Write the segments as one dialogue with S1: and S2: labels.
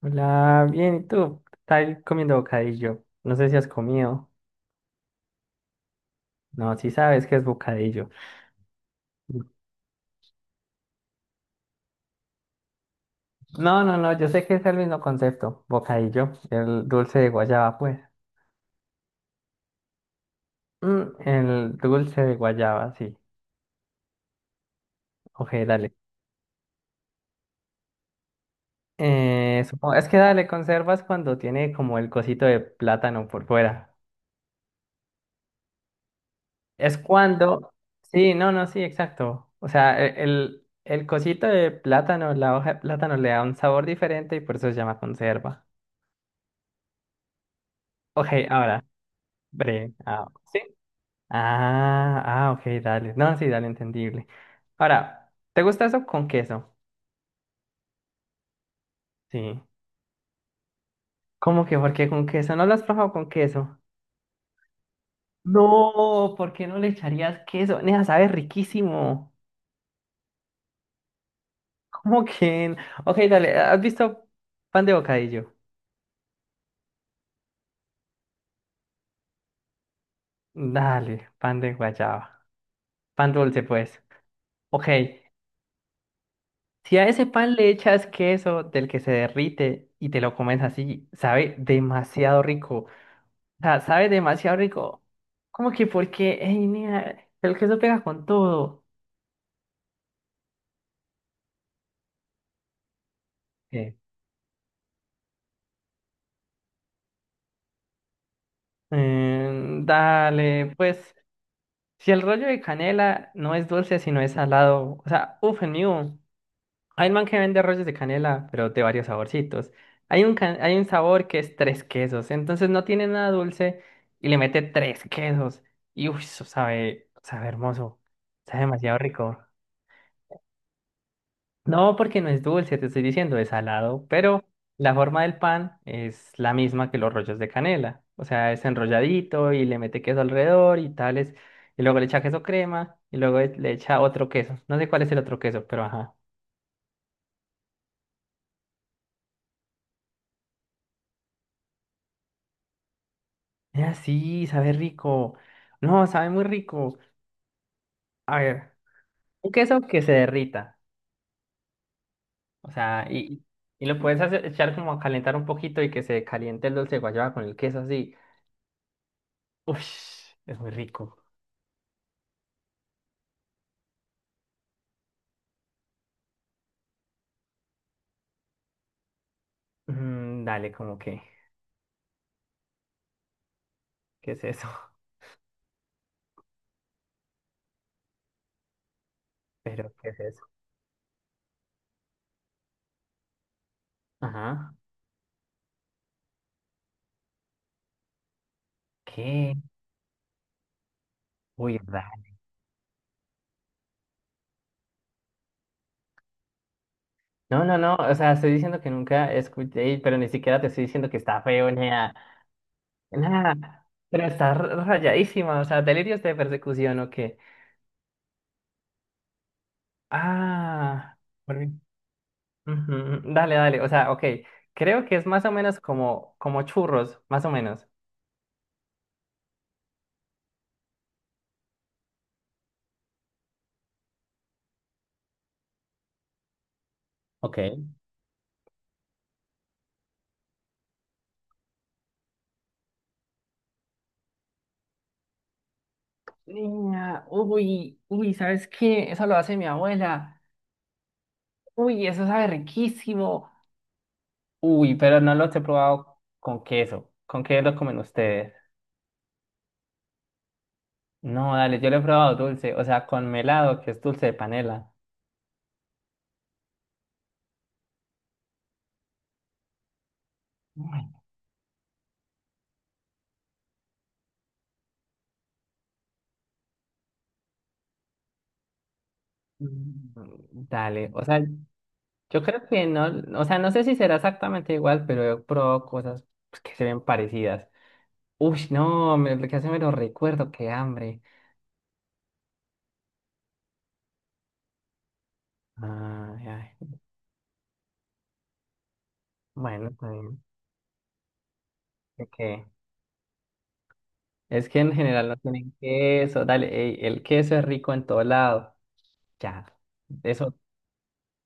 S1: Hola, bien, ¿y tú? Estás comiendo bocadillo. No sé si has comido. No, sí sabes que es bocadillo. No, no, no, yo sé que es el mismo concepto. Bocadillo, el dulce de guayaba, pues. El dulce de guayaba, sí. Ok, dale. Supongo, es que dale, conservas cuando tiene como el cosito de plátano por fuera. Es cuando... Sí, no, no, sí, exacto. O sea, el cosito de plátano, la hoja de plátano le da un sabor diferente y por eso se llama conserva. Ok, ahora, ¿sí? Ok, dale. No, sí, dale, entendible. Ahora, ¿te gusta eso con queso? Sí. ¿Cómo que por qué con queso? ¿No lo has probado con queso? No, ¿por qué no le echarías queso? Nea, sabe riquísimo. ¿Cómo que? Ok, dale, ¿has visto pan de bocadillo? Dale, pan de guayaba. Pan dulce, pues. Ok, si a ese pan le echas queso del que se derrite y te lo comes así, sabe demasiado rico. O sea, sabe demasiado rico. Como que porque, ey, niña, el queso pega con todo. ¿Qué? Dale, pues, si el rollo de canela no es dulce, sino es salado. O sea, uff, el mío. Hay un man que vende rollos de canela, pero de varios saborcitos. Hay un sabor que es tres quesos, entonces no tiene nada dulce y le mete tres quesos. Y uff, eso sabe, sabe hermoso. Sabe demasiado rico. No, porque no es dulce, te estoy diciendo, es salado, pero la forma del pan es la misma que los rollos de canela. O sea, es enrolladito y le mete queso alrededor y tales. Y luego le echa queso crema y luego le echa otro queso. No sé cuál es el otro queso, pero ajá. Ah, sí, sabe rico. No, sabe muy rico. A ver, un queso que se derrita. O sea, y lo puedes echar como a calentar un poquito y que se caliente el dulce de guayaba con el queso así. Uff, es muy rico. Mm, dale, como que. ¿Qué es eso? ¿Pero qué es eso? Ajá. ¿Qué? Uy, raro. No, no, no. O sea, estoy diciendo que nunca escuché, pero ni siquiera te estoy diciendo que está feo ni nada. Nada. Pero está rayadísima. O sea, delirios de persecución o qué. Ah. Por mí. Ujú, dale, dale. O sea, ok. Creo que es más o menos como churros, más o menos. Ok. Niña, uy, uy, ¿sabes qué? Eso lo hace mi abuela. Uy, eso sabe riquísimo. Uy, pero no los he probado con queso. ¿Con qué los comen ustedes? No, dale, yo lo he probado dulce, o sea, con melado, que es dulce de panela. Ay. Mm, dale, o sea, yo creo que no, o sea, no sé si será exactamente igual, pero he probado cosas pues, que se ven parecidas. Uy, no, me, lo que hace me lo recuerdo, qué hambre. Ay, ay. Bueno, está bien. Ok. Es que en general no tienen queso, dale, ey, el queso es rico en todo lado. Ya, eso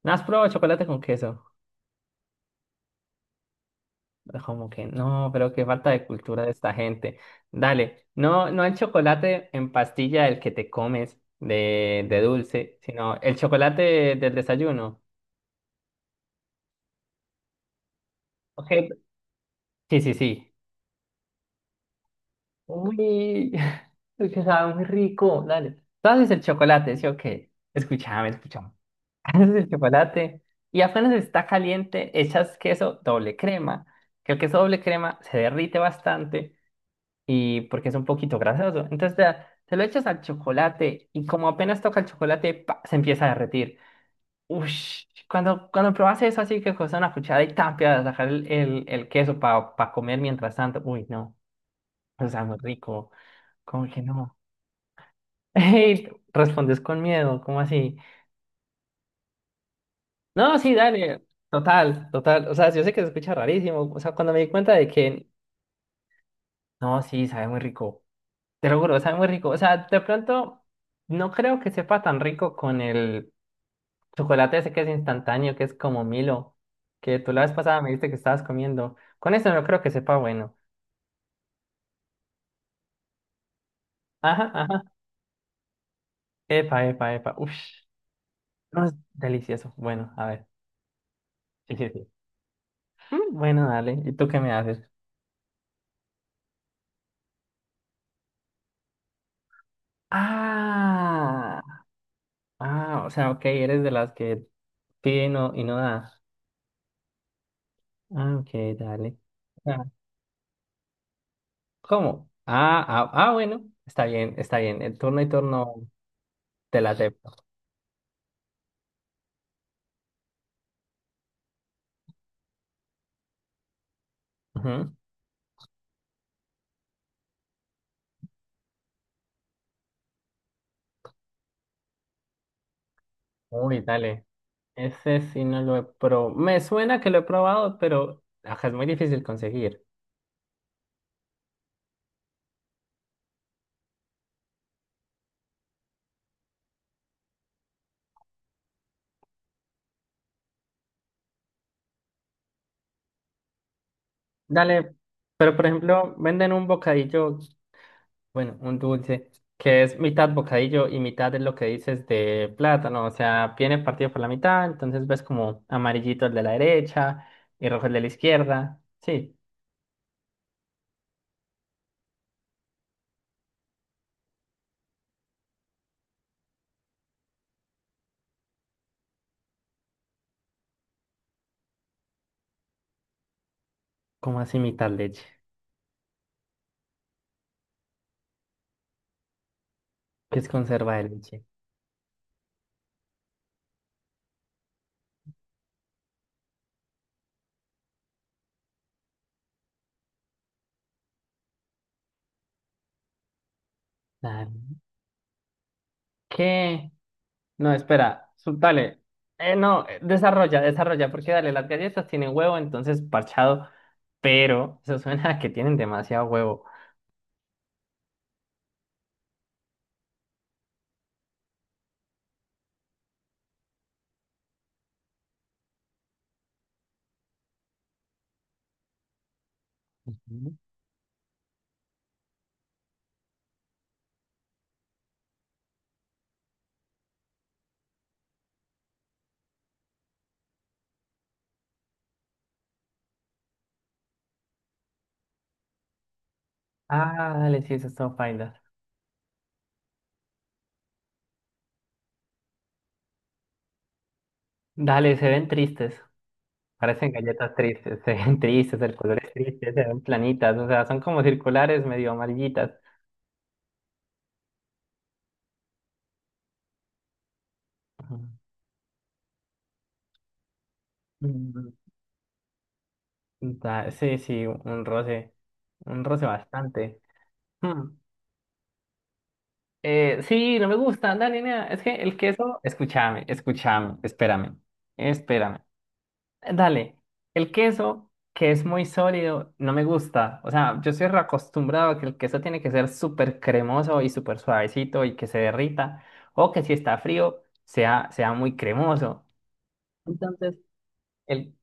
S1: ¿no has probado chocolate con queso? Como que no, pero qué falta de cultura de esta gente. Dale, no, no el chocolate en pastilla el que te comes de dulce, sino el chocolate del desayuno. Ok, sí, sí, sí. Uy, es que sabe muy rico, dale. Tú haces el chocolate, sí, ok. Escúchame, escúchame. Haces el chocolate y apenas está caliente, echas queso doble crema, que el queso doble crema se derrite bastante. Y porque es un poquito grasoso. Te lo echas al chocolate y como apenas toca el chocolate, pa, se empieza a derretir. Ush, cuando probas eso así que coges una cuchara y tapias, dejar el queso para comer mientras tanto. Uy, no, o sea, muy rico. ¿Cómo que no? Ey, respondes con miedo, ¿cómo así? No, sí, dale, total, total. O sea, yo sé que se escucha rarísimo. O sea, cuando me di cuenta de que, no, sí, sabe muy rico. Te lo juro, sabe muy rico. O sea, de pronto no creo que sepa tan rico con el chocolate ese que es instantáneo, que es como Milo, que tú la vez pasada me dijiste que estabas comiendo. Con eso no creo que sepa bueno. Ajá, ajá. Epa, epa, epa. Uf, no es delicioso. Bueno, a ver. Sí, sí, sí. Mm, bueno, dale. ¿Y tú qué me haces? Ah, o sea, ok, eres de las que pide y no da. Ah, ok, dale. Ah. ¿Cómo? Bueno, está bien, está bien. El turno y turno te la acepto. Ujú. Uy, dale. Ese sí no lo he probado. Me suena que lo he probado, pero ajá, es muy difícil conseguir. Dale, pero por ejemplo, venden un bocadillo, bueno, un dulce, que es mitad bocadillo y mitad es lo que dices de plátano. O sea, viene partido por la mitad, entonces ves como amarillito el de la derecha y rojo el de la izquierda. Sí, como así mitad leche, que es conserva de leche. Dale. ¿Qué? No, espera, dale. No, desarrolla, desarrolla, porque dale, las galletas tienen huevo, entonces parchado, pero eso suena a que tienen demasiado huevo. Ujú. Ah, dale, sí, eso es todo paila. Dale, se ven tristes, parecen galletas tristes, se ven tristes, el color es triste, se ven planitas, o sea, son como circulares, medio amarillitas. Ujú. Mm, sí, sí, un roce bastante. Hmm. Sí, no me gusta, dale, nena. Es que el queso, escúchame, escúchame, espérame, espérame. Dale, el queso que es muy sólido, no me gusta. O sea, yo estoy acostumbrado a que el queso tiene que ser súper cremoso y súper suavecito y que se derrita, o que si está frío, sea muy cremoso. Entonces, el,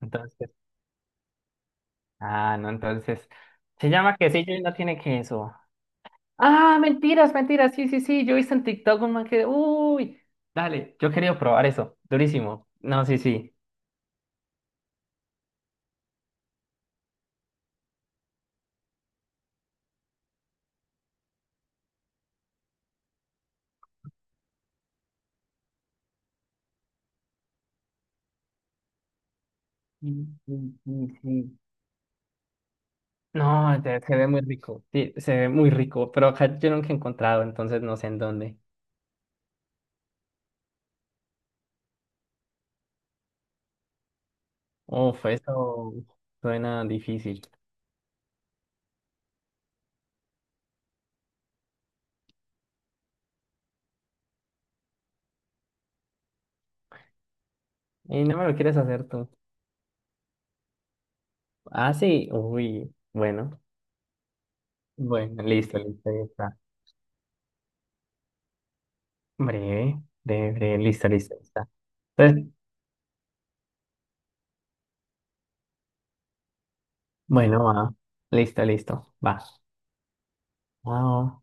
S1: entonces, ah, no, entonces, se llama quesillo y no tiene queso. Ah, mentiras, mentiras. Sí, sí, sí. Yo hice en TikTok un man que. Uy, dale, yo quería probar eso. Durísimo. No, sí, sí. Sí, sí, sí, sí. No, se ve muy rico. Sí, se ve muy rico. Pero acá yo nunca he encontrado, entonces no sé en dónde. Uf, eso suena difícil. Y no me lo quieres hacer tú. Ah, sí. Uy, bueno. Bueno, listo, listo, ya está. Breve, breve, breve. Listo, listo, ya está. Entonces, bueno, va. Listo, listo. Va. Wow.